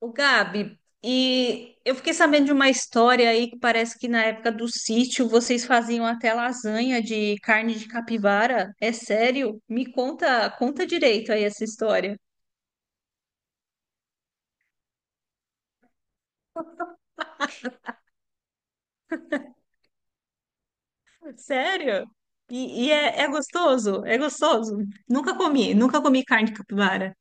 O Gabi, e eu fiquei sabendo de uma história aí que parece que na época do sítio vocês faziam até lasanha de carne de capivara. É sério? Me conta, conta direito aí essa história. Sério? E é gostoso? É gostoso? Nunca comi, nunca comi carne de capivara.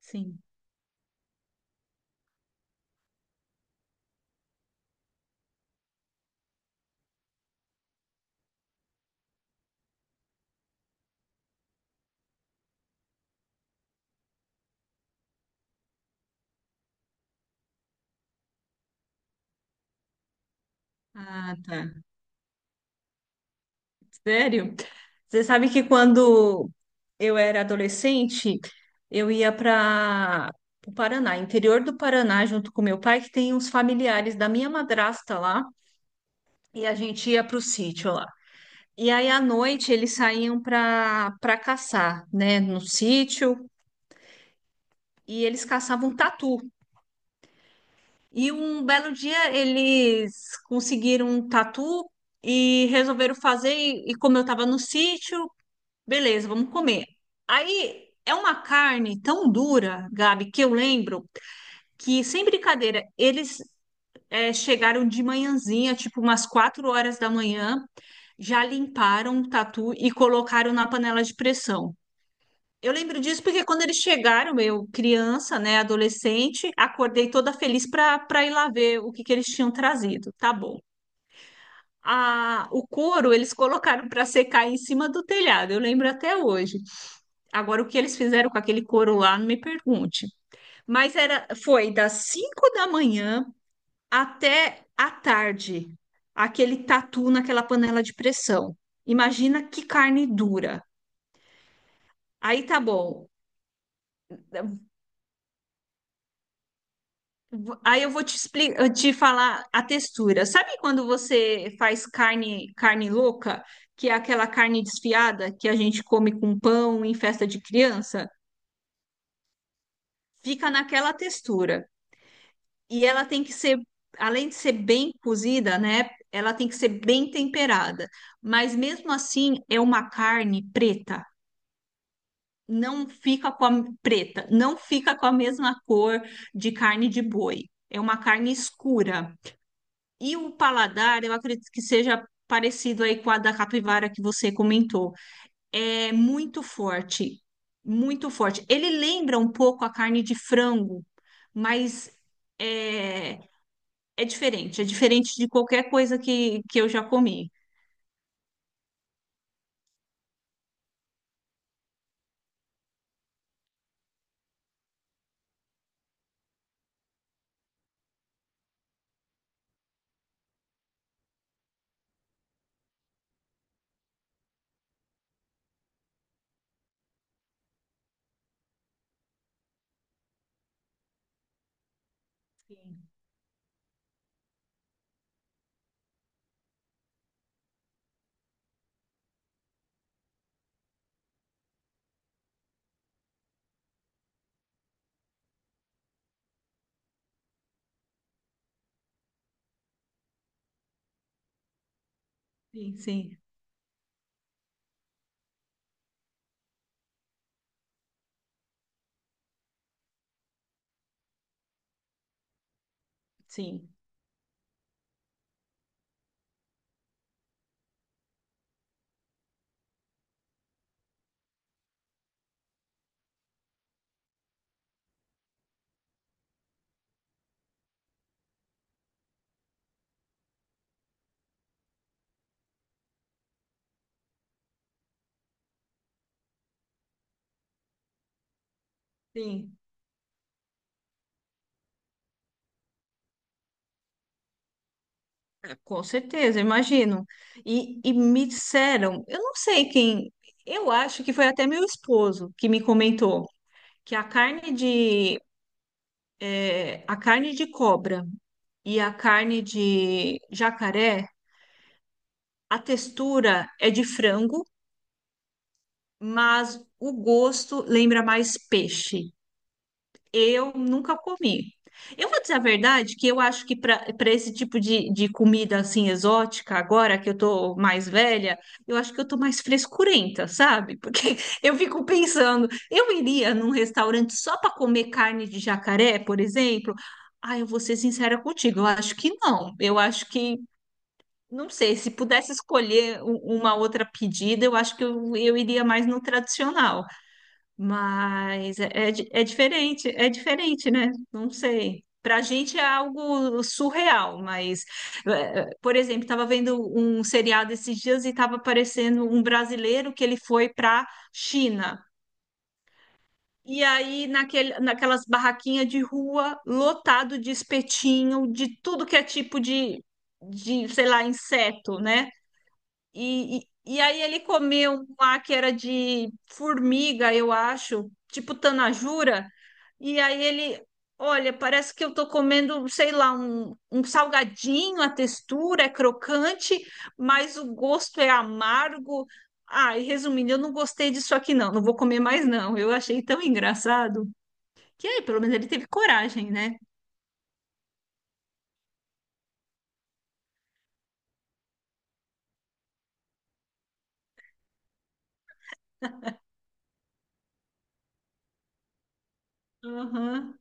Sim. Ah, tá. Sério? Você sabe que quando eu era adolescente, eu ia para o Paraná, interior do Paraná, junto com meu pai, que tem uns familiares da minha madrasta lá, e a gente ia para o sítio lá. E aí à noite eles saíam para caçar, né, no sítio, e eles caçavam tatu. E um belo dia eles conseguiram um tatu e resolveram fazer. E como eu estava no sítio, beleza, vamos comer. Aí é uma carne tão dura, Gabi, que eu lembro que, sem brincadeira, eles chegaram de manhãzinha, tipo umas 4 horas da manhã, já limparam o tatu e colocaram na panela de pressão. Eu lembro disso porque quando eles chegaram, eu, criança, né, adolescente, acordei toda feliz para ir lá ver o que que eles tinham trazido. Tá bom. A, o couro eles colocaram para secar em cima do telhado, eu lembro até hoje. Agora, o que eles fizeram com aquele couro lá, não me pergunte. Mas era, foi das 5 da manhã até a tarde, aquele tatu naquela panela de pressão. Imagina que carne dura. Aí tá bom. Aí eu vou te explicar, te falar a textura. Sabe quando você faz carne, carne louca, que é aquela carne desfiada que a gente come com pão em festa de criança? Fica naquela textura. E ela tem que ser, além de ser bem cozida, né? Ela tem que ser bem temperada. Mas mesmo assim, é uma carne preta. Não fica com a preta, não fica com a mesma cor de carne de boi. É uma carne escura. E o paladar, eu acredito que seja parecido aí com a da capivara que você comentou. É muito forte, muito forte. Ele lembra um pouco a carne de frango, mas é, é diferente de qualquer coisa que eu já comi. Sim, sim, sim, sim. É, com certeza, imagino. E me disseram, eu não sei quem, eu acho que foi até meu esposo que me comentou que a carne de, é, a carne de cobra e a carne de jacaré, a textura é de frango, mas o gosto lembra mais peixe. Eu nunca comi. Eu vou dizer a verdade que eu acho que para esse tipo de comida assim exótica, agora que eu tô mais velha, eu acho que eu tô mais frescurenta, sabe? Porque eu fico pensando, eu iria num restaurante só para comer carne de jacaré, por exemplo? Ah, eu vou ser sincera contigo, eu acho que não. Eu acho que, não sei, se pudesse escolher uma outra pedida, eu acho que eu iria mais no tradicional. Mas é, é, é diferente, né? Não sei. Para a gente é algo surreal, mas, por exemplo, estava vendo um seriado esses dias e estava aparecendo um brasileiro que ele foi para China. E aí, naquele, naquelas barraquinhas de rua, lotado de espetinho, de tudo que é tipo de, sei lá, inseto, né? E, e, e aí ele comeu um lá que era de formiga, eu acho, tipo tanajura. E aí ele, olha, parece que eu tô comendo, sei lá, um salgadinho, a textura é crocante, mas o gosto é amargo. Ah, e resumindo, eu não gostei disso aqui não, não vou comer mais não. Eu achei tão engraçado. Que aí, pelo menos ele teve coragem, né? Aham.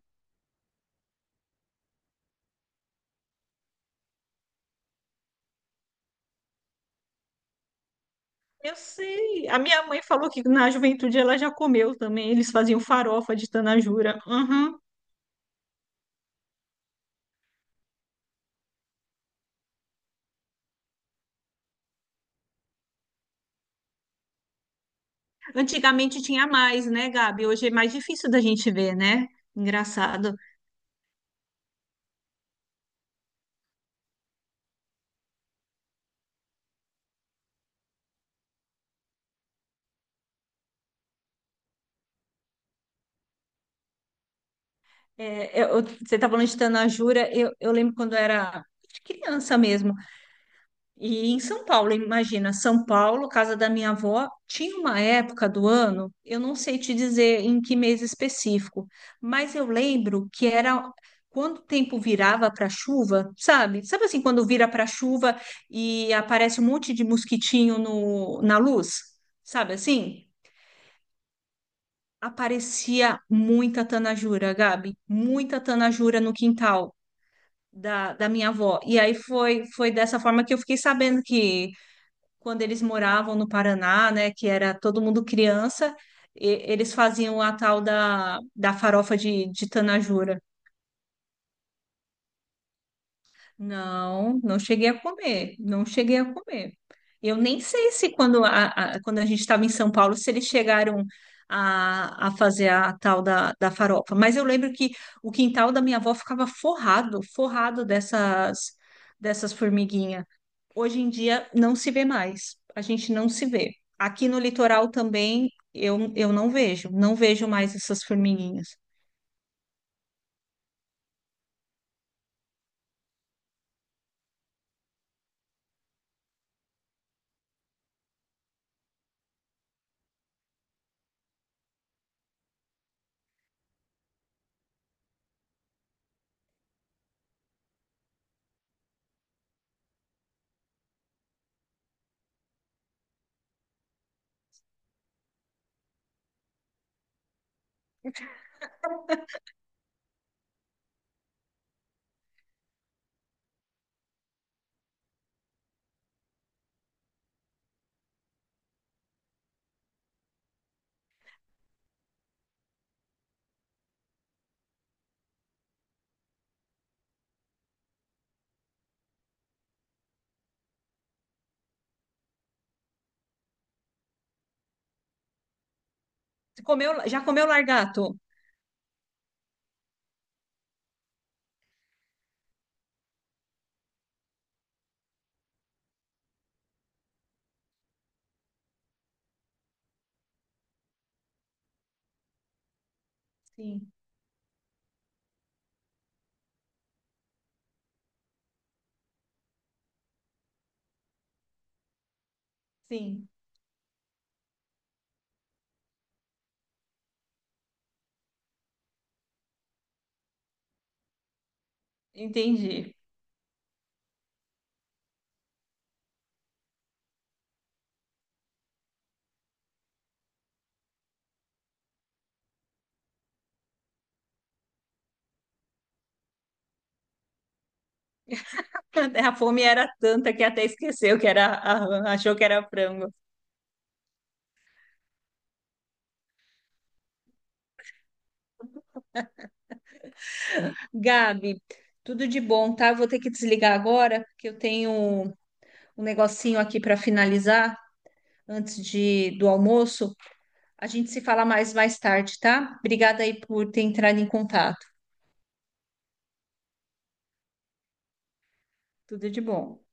Eu sei. A minha mãe falou que na juventude ela já comeu também. Eles faziam farofa de tanajura. Uhum. Antigamente tinha mais, né, Gabi? Hoje é mais difícil da gente ver, né? Engraçado. É, você tá falando de tanajura. Eu lembro quando eu era de criança mesmo. E em São Paulo, imagina, São Paulo, casa da minha avó, tinha uma época do ano, eu não sei te dizer em que mês específico, mas eu lembro que era quando o tempo virava para chuva, sabe? Sabe assim, quando vira para chuva e aparece um monte de mosquitinho no, na luz, sabe assim? Aparecia muita tanajura, Gabi, muita tanajura no quintal da, da minha avó. E aí foi, foi dessa forma que eu fiquei sabendo que quando eles moravam no Paraná, né, que era todo mundo criança, eles faziam a tal da, da farofa de tanajura. Não, não cheguei a comer, não cheguei a comer. Eu nem sei se quando quando a gente estava em São Paulo, se eles chegaram a fazer a tal da, da farofa, mas eu lembro que o quintal da minha avó ficava forrado, forrado dessas, dessas formiguinhas. Hoje em dia não se vê mais. A gente não se vê. Aqui no litoral também eu não vejo, não vejo mais essas formiguinhas. Você comeu, já comeu largato? Sim, sim, entendi. A fome era tanta que até esqueceu que era, achou que era frango. Gabi, tudo de bom, tá? Eu vou ter que desligar agora, porque eu tenho um negocinho aqui para finalizar antes de, do almoço. A gente se fala mais tarde, tá? Obrigada aí por ter entrado em contato. Tudo de bom.